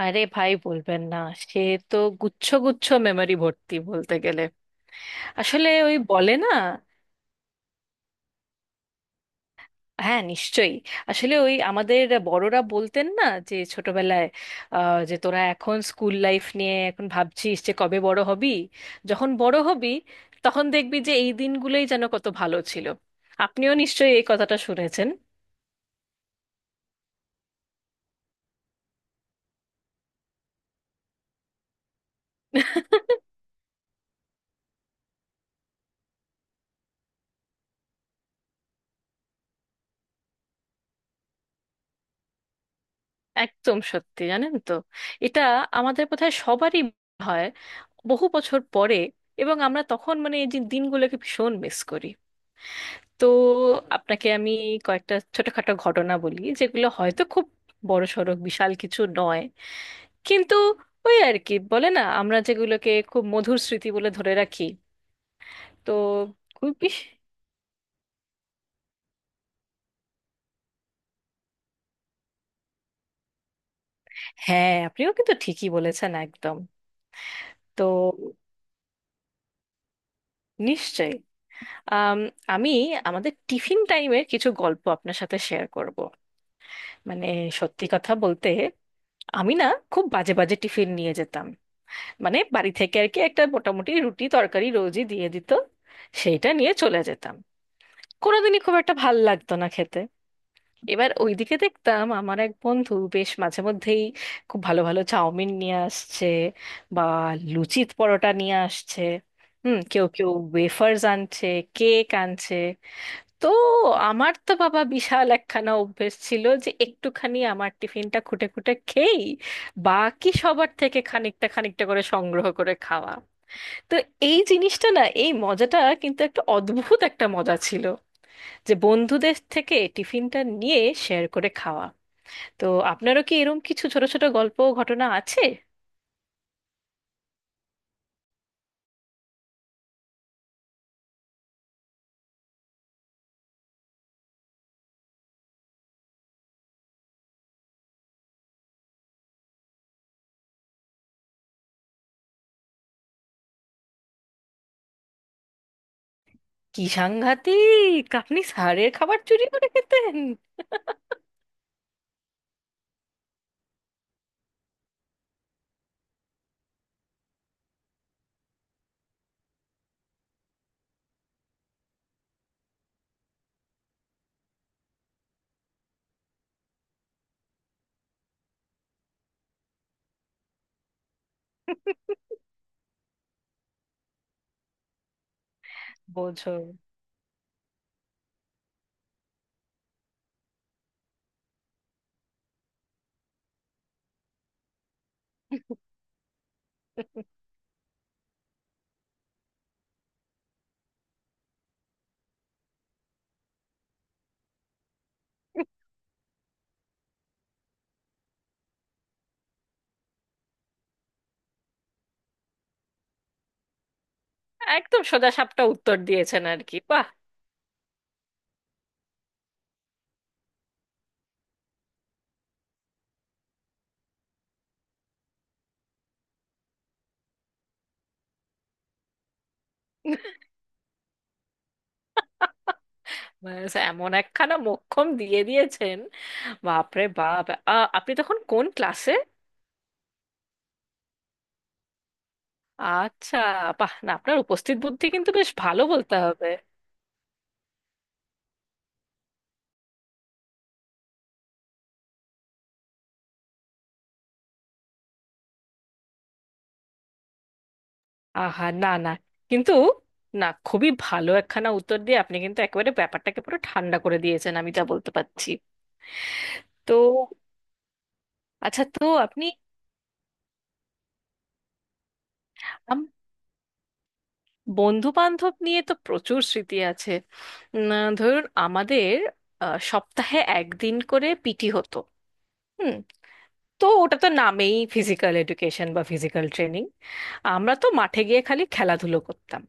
আরে ভাই বলবেন না সে তো গুচ্ছ গুচ্ছ মেমরি ভর্তি বলতে গেলে আসলে ওই বলে না। হ্যাঁ, নিশ্চয়ই। আসলে ওই আমাদের বড়রা বলতেন না যে ছোটবেলায়, যে তোরা এখন স্কুল লাইফ নিয়ে এখন ভাবছিস যে কবে বড় হবি, যখন বড় হবি তখন দেখবি যে এই দিনগুলোই যেন কত ভালো ছিল। আপনিও নিশ্চয়ই এই কথাটা শুনেছেন। একদম সত্যি, জানেন তো, এটা আমাদের বোধহয় সবারই হয় বহু বছর পরে, এবং আমরা তখন মানে এই যে দিনগুলোকে ভীষণ মিস করি। তো আপনাকে আমি কয়েকটা ছোটখাটো ঘটনা বলি, যেগুলো হয়তো খুব বড়সড় বিশাল কিছু নয় কিন্তু ওই আর কি বলে না, আমরা যেগুলোকে খুব মধুর স্মৃতি বলে ধরে রাখি। তো খুব বেশ- হ্যাঁ, আপনিও কিন্তু ঠিকই বলেছেন একদম। তো নিশ্চয়ই। আম, আমি আমাদের টিফিন টাইমের কিছু গল্প আপনার সাথে শেয়ার করব। মানে সত্যি কথা বলতে, আমি না খুব বাজে বাজে টিফিন নিয়ে যেতাম। মানে বাড়ি থেকে আর কি একটা মোটামুটি রুটি তরকারি রোজই দিয়ে দিত, সেইটা নিয়ে চলে যেতাম। কোনোদিনই খুব একটা ভাল লাগতো না খেতে। এবার ওইদিকে দেখতাম আমার এক বন্ধু বেশ মাঝে মধ্যেই খুব ভালো ভালো চাউমিন নিয়ে আসছে, বা লুচি পরোটা নিয়ে আসছে। হুম, কেউ কেউ ওয়েফার্স আনছে, কেক আনছে। তো আমার তো বাবা বিশাল একখানা অভ্যেস ছিল যে একটুখানি আমার টিফিনটা খুঁটে খুঁটে খেয়েই বাকি সবার থেকে খানিকটা খানিকটা করে সংগ্রহ করে খাওয়া। তো এই জিনিসটা না, এই মজাটা কিন্তু একটা অদ্ভুত একটা মজা ছিল, যে বন্ধুদের থেকে টিফিনটা নিয়ে শেয়ার করে খাওয়া। তো আপনারও কি এরকম কিছু ছোট ছোট গল্প ও ঘটনা আছে? কি সাংঘাতিক, আপনি স্যারের খাবার চুরি করে খেতেন! বোঝো। একদম সোজাসাপটা উত্তর দিয়েছেন আর কি, বাহ। ব্যাস, এমন একখানা মোক্ষম দিয়ে দিয়েছেন, বাপরে বাপ। আপনি তখন কোন ক্লাসে? আচ্ছা। বাহ, না আপনার উপস্থিত বুদ্ধি কিন্তু বেশ ভালো বলতে হবে। আহা না না, কিন্তু না খুবই ভালো একখানা উত্তর দিয়ে আপনি কিন্তু একেবারে ব্যাপারটাকে পুরো ঠান্ডা করে দিয়েছেন, আমি যা বলতে পারছি। তো আচ্ছা, তো আপনি বন্ধু বান্ধব নিয়ে তো প্রচুর স্মৃতি আছে। উম, ধরুন আমাদের সপ্তাহে একদিন করে পিটি হতো। হুম। তো ওটা তো নামেই ফিজিক্যাল এডুকেশন বা ফিজিক্যাল ট্রেনিং, আমরা তো মাঠে গিয়ে খালি খেলাধুলো করতাম।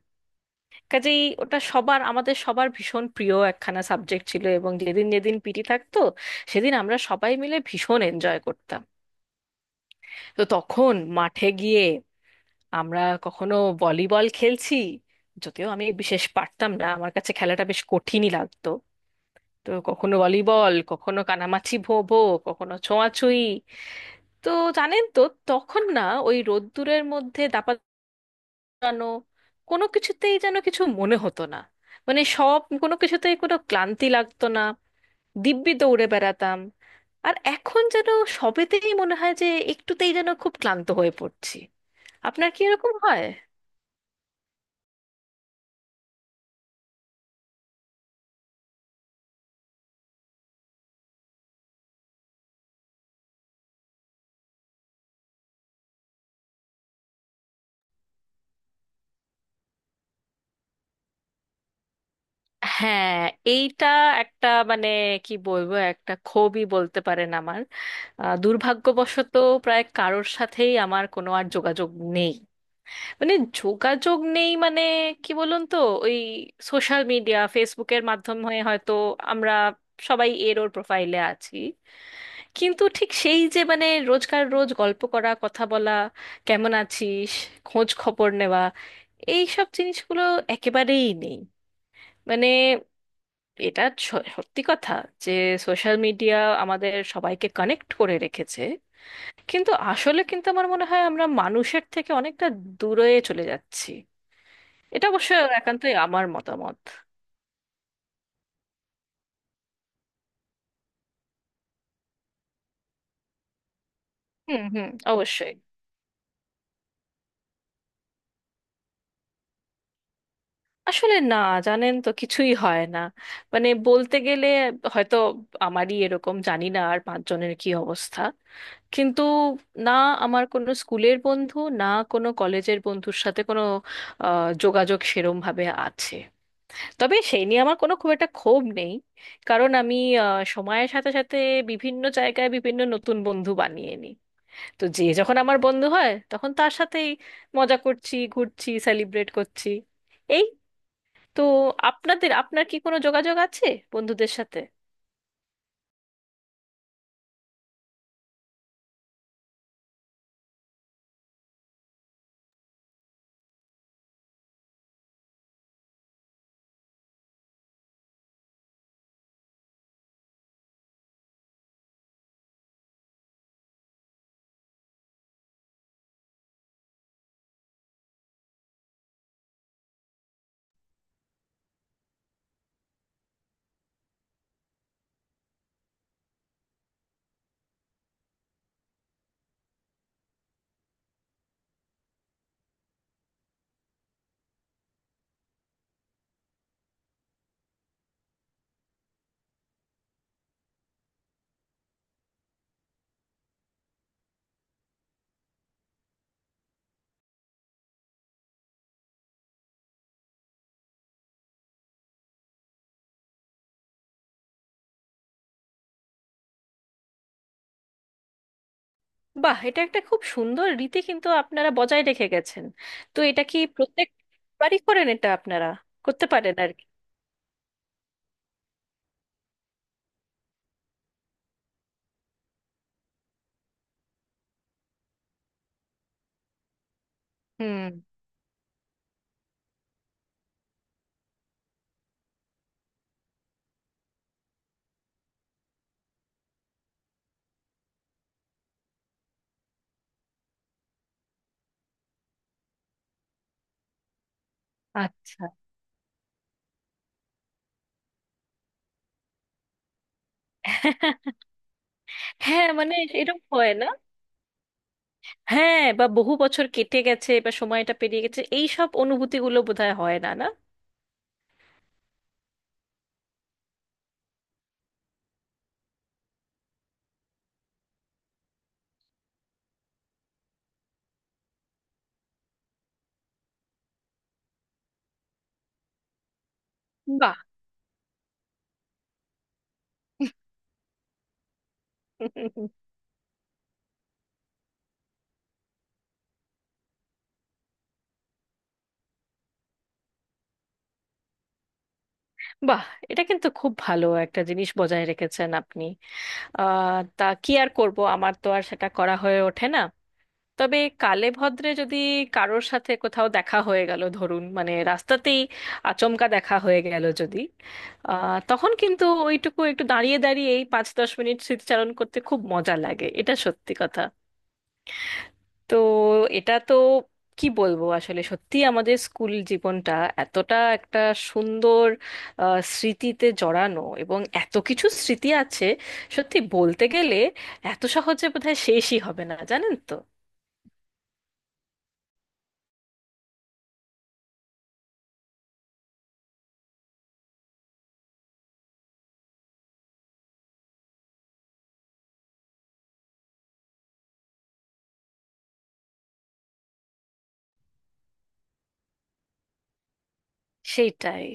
কাজেই ওটা সবার আমাদের সবার ভীষণ প্রিয় একখানা সাবজেক্ট ছিল, এবং যেদিন যেদিন পিটি থাকতো সেদিন আমরা সবাই মিলে ভীষণ এনজয় করতাম। তো তখন মাঠে গিয়ে আমরা কখনো ভলিবল খেলছি, যদিও আমি বিশেষ পারতাম না, আমার কাছে খেলাটা বেশ কঠিনই লাগতো। তো কখনো ভলিবল, কখনো কানামাছি ভো ভো, কখনো ছোঁয়াছুঁই। তো জানেন তো, তখন না ওই রোদ্দুরের মধ্যে দাপানো কোনো কিছুতেই যেন কিছু মনে হতো না। মানে সব কোনো কিছুতেই কোনো ক্লান্তি লাগতো না, দিব্যি দৌড়ে বেড়াতাম। আর এখন যেন সবেতেই মনে হয় যে একটুতেই যেন খুব ক্লান্ত হয়ে পড়ছি। আপনার কি এরকম হয়? হ্যাঁ, এইটা একটা মানে কি বলবো একটা ক্ষোভই বলতে পারেন আমার। দুর্ভাগ্যবশত প্রায় কারোর সাথেই আমার কোনো আর যোগাযোগ নেই। মানে যোগাযোগ নেই মানে কি বলুন তো, ওই সোশ্যাল মিডিয়া, ফেসবুকের মাধ্যমে হয়তো আমরা সবাই এর ওর প্রোফাইলে আছি, কিন্তু ঠিক সেই যে মানে রোজকার রোজ গল্প করা, কথা বলা, কেমন আছিস, খোঁজ খবর নেওয়া, এই সব জিনিসগুলো একেবারেই নেই। মানে এটা সত্যি কথা যে সোশ্যাল মিডিয়া আমাদের সবাইকে কানেক্ট করে রেখেছে, কিন্তু আসলে কিন্তু আমার মনে হয় আমরা মানুষের থেকে অনেকটা দূরে চলে যাচ্ছি। এটা অবশ্য একান্তই আমার মতামত। হুম হুম, অবশ্যই। আসলে না, জানেন তো কিছুই হয় না। মানে বলতে গেলে হয়তো আমারই এরকম, জানি না আর পাঁচজনের কি অবস্থা, কিন্তু না আমার কোনো স্কুলের বন্ধু না কোনো কলেজের বন্ধুর সাথে কোনো যোগাযোগ সেরম ভাবে আছে। তবে সেই নিয়ে আমার কোনো খুব একটা ক্ষোভ নেই, কারণ আমি সময়ের সাথে সাথে বিভিন্ন জায়গায় বিভিন্ন নতুন বন্ধু বানিয়ে নিই। তো যে যখন আমার বন্ধু হয় তখন তার সাথেই মজা করছি, ঘুরছি, সেলিব্রেট করছি, এই। তো আপনাদের, আপনার কি কোনো যোগাযোগ আছে বন্ধুদের সাথে? বাহ, এটা একটা খুব সুন্দর রীতি কিন্তু আপনারা বজায় রেখে গেছেন। তো এটা কি প্রত্যেকবারই করেন এটা আপনারা? করতে পারেন আর কি। হুম। আচ্ছা। হ্যাঁ মানে এরকম হয় না। হ্যাঁ, বা বহু বছর কেটে গেছে বা সময়টা পেরিয়ে গেছে, এই সব অনুভূতিগুলো বোধহয় হয় না, না। বাহ। বাহ, এটা কিন্তু খুব ভালো একটা জিনিস বজায় রেখেছেন আপনি। আহ, তা কি আর করব, আমার তো আর সেটা করা হয়ে ওঠে না। তবে কালে ভদ্রে যদি কারোর সাথে কোথাও দেখা হয়ে গেল, ধরুন মানে রাস্তাতেই আচমকা দেখা হয়ে গেল যদি, আহ, তখন কিন্তু ওইটুকু একটু দাঁড়িয়ে দাঁড়িয়ে এই 5-10 মিনিট স্মৃতিচারণ করতে খুব মজা লাগে, এটা সত্যি কথা। তো এটা তো কি বলবো আসলে সত্যি আমাদের স্কুল জীবনটা এতটা একটা সুন্দর স্মৃতিতে জড়ানো, এবং এত কিছু স্মৃতি আছে সত্যি বলতে গেলে এত সহজে বোধহয় শেষই হবে না, জানেন তো। সেইটাই।